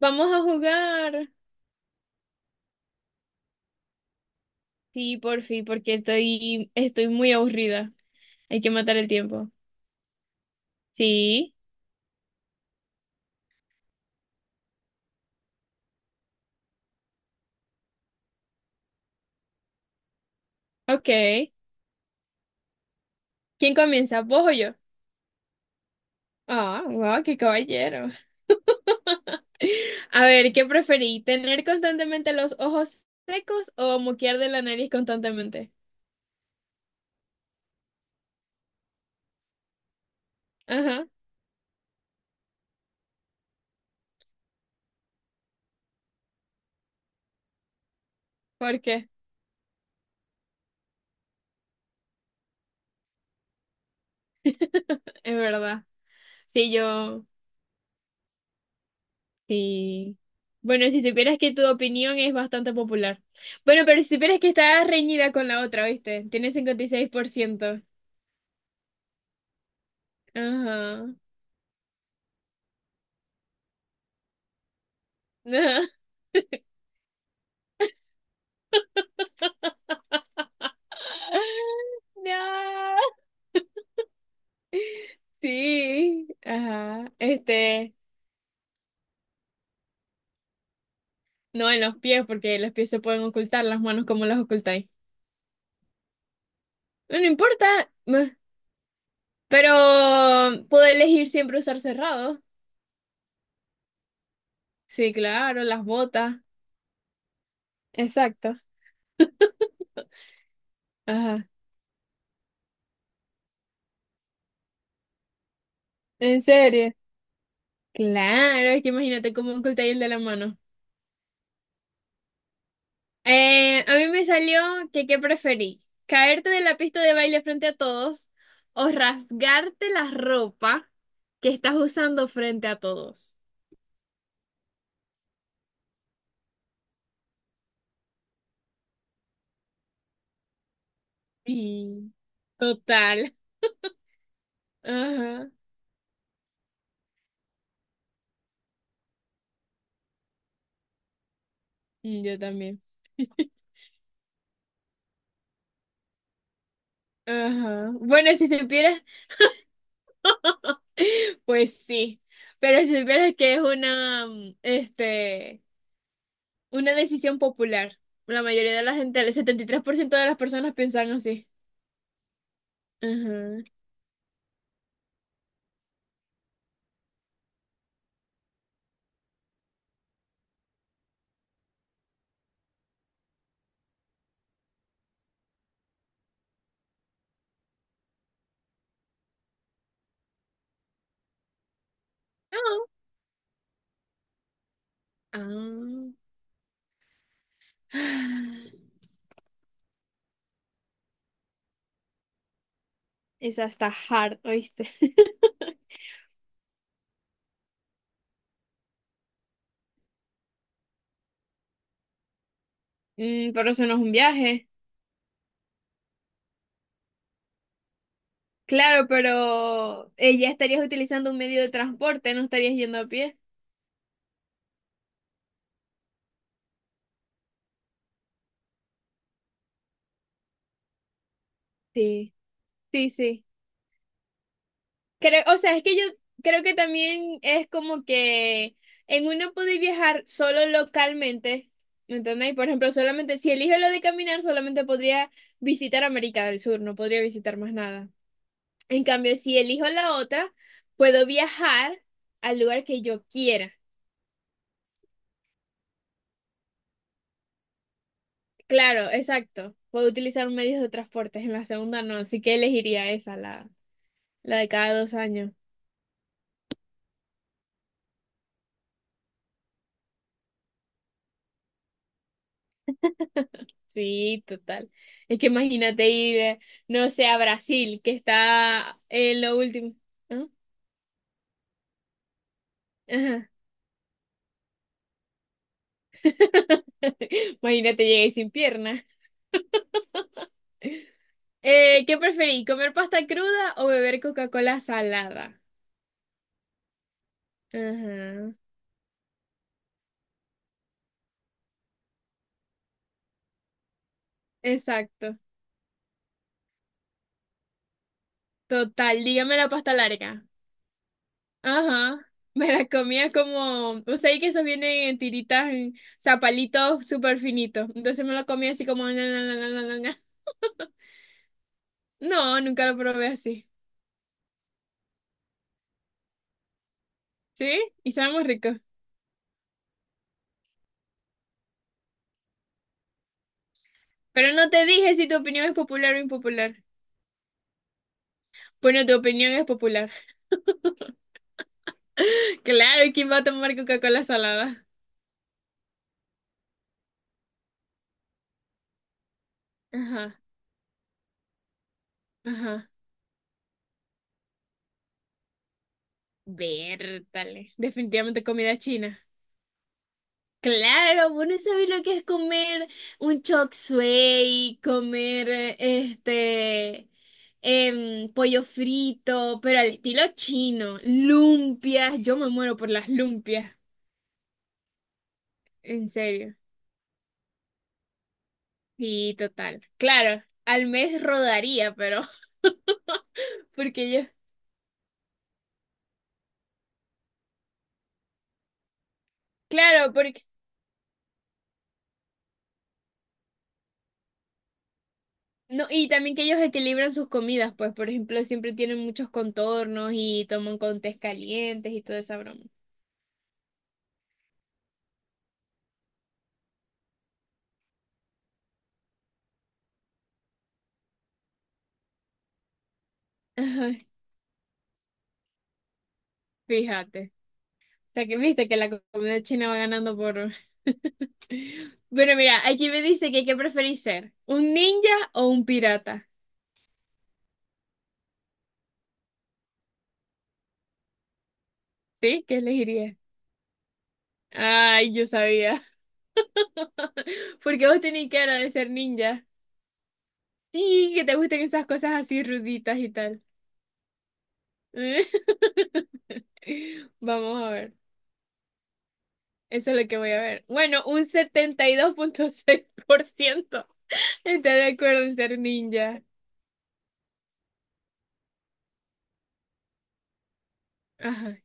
Vamos a jugar. Sí, por fin, porque estoy muy aburrida. Hay que matar el tiempo. Sí, ok. ¿Quién comienza? ¿Vos o yo? Ah, wow, qué caballero. A ver, ¿qué preferí? ¿Tener constantemente los ojos secos o moquear de la nariz constantemente? Ajá, ¿por qué? Es verdad. Sí, yo, sí. Bueno, si supieras que tu opinión es bastante popular. Bueno, pero si supieras que está reñida con la otra, ¿viste? Tiene 56%. Ajá. No, sí, ajá. Este, no en los pies, porque los pies se pueden ocultar, las manos como las ocultáis. No, no importa, meh, pero puedo elegir siempre usar cerrado. Sí, claro, las botas. Exacto. Ajá. ¿En serio? Claro, es que imagínate cómo ocultáis el de la mano. A mí me salió que qué preferí, caerte de la pista de baile frente a todos o rasgarte la ropa que estás usando frente a todos. Sí, total. Ajá. Mm, yo también. Ajá. Bueno, si supieras, pues sí. Pero si supieras que es una decisión popular. La mayoría de la gente, el 73% de las personas piensan así. Ajá. No. Ah. Esa está hard, ¿oíste? Mm, pero eso no es un viaje. Claro, pero ya estarías utilizando un medio de transporte, no estarías yendo a pie. Sí, sí, sí. Creo, o sea, es que yo creo que también es como que en uno puede viajar solo localmente, ¿me entendéis? Por ejemplo, solamente, si elijo lo de caminar, solamente podría visitar América del Sur, no podría visitar más nada. En cambio, si elijo la otra, puedo viajar al lugar que yo quiera. Claro, exacto. Puedo utilizar medios de transporte, en la segunda no, así que elegiría esa, la de cada 2 años. Sí, total. Es que imagínate ir, no sé, a Brasil, que está en lo último. ¿Ah? Ajá. Imagínate llegué sin pierna. ¿Qué preferí? ¿Comer pasta cruda o beber Coca-Cola salada? Ajá, exacto. Total, dígame la pasta larga. Ajá, me la comía como, o sea, y que esos vienen en tiritas, en zapalitos súper finitos. Entonces me lo comía así como, na, na, na, na, na, na. No, nunca lo probé así. ¿Sí? Y sabe muy rico. Pero no te dije si tu opinión es popular o impopular. Bueno, tu opinión es popular. Claro, ¿y quién va a tomar Coca-Cola salada? Ajá, ajá. Vértale. Definitivamente comida china. Claro, bueno, ¿sabes lo que es comer un chop suey, comer pollo frito, pero al estilo chino, lumpias, yo me muero por las lumpias, en serio. Sí, total. Claro, al mes rodaría, pero porque ellos, claro, porque no, y también que ellos equilibran sus comidas, pues, por ejemplo, siempre tienen muchos contornos y toman con tés calientes y toda esa broma. Ajá, fíjate. Sea, que viste que la comunidad china va ganando por... Bueno, mira, aquí me dice que qué preferís ser, un ninja o un pirata. ¿Sí? ¿Qué elegirías? Ay, yo sabía. Porque vos tenés cara de ser ninja. Sí, que te gusten esas cosas así ruditas y tal. Vamos a ver. Eso es lo que voy a ver. Bueno, un 72.6% está de acuerdo en ser ninja. Ajá.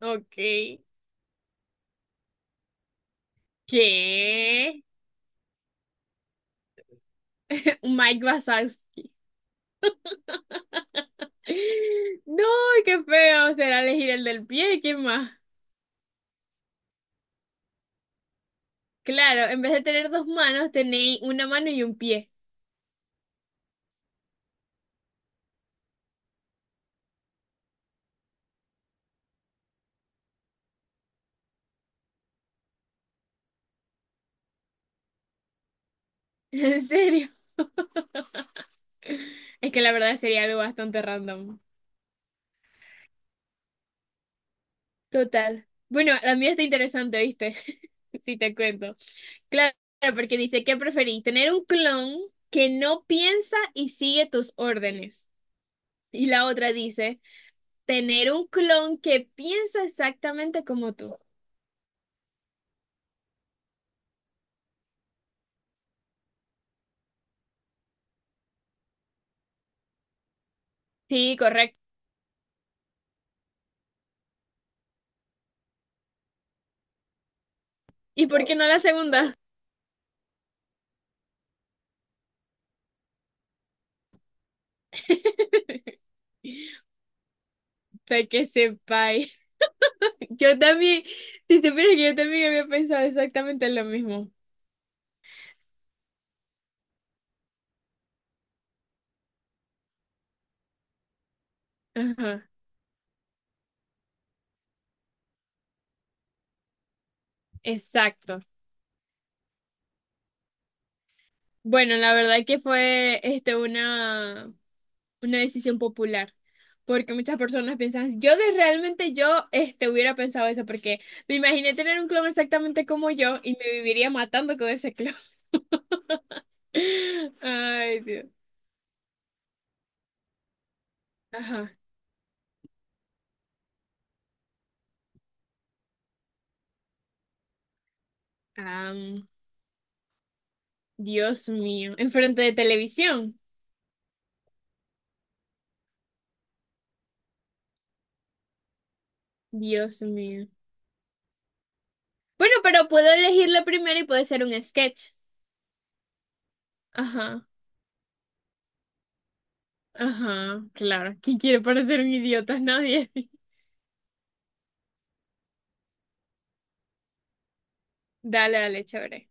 Ok. ¿Qué? Mike Wazowski. No, qué feo será elegir el del pie, ¿qué más? Claro, en vez de tener dos manos, tenéis una mano y un pie. En serio. Es que la verdad sería algo bastante random. Total. Bueno, la mía está interesante, ¿viste? Si te cuento. Claro, porque dice, ¿qué preferís? ¿Tener un clon que no piensa y sigue tus órdenes? Y la otra dice, tener un clon que piensa exactamente como tú. Sí, ¿y por qué no la segunda? Para que sepáis. Yo también, si supieras que yo también había pensado exactamente lo mismo. Ajá, exacto. Bueno, la verdad que fue una decisión popular, porque muchas personas piensan, yo de realmente yo este, hubiera pensado eso, porque me imaginé tener un clon exactamente como yo y me viviría matando con ese clon. Ay, Dios. Ajá. Dios mío, enfrente de televisión. Dios mío. Bueno, pero puedo elegir la primera y puede ser un sketch. Ajá, ajá, claro. ¿Quién quiere parecer un idiota? Nadie. Dale, dale, chévere.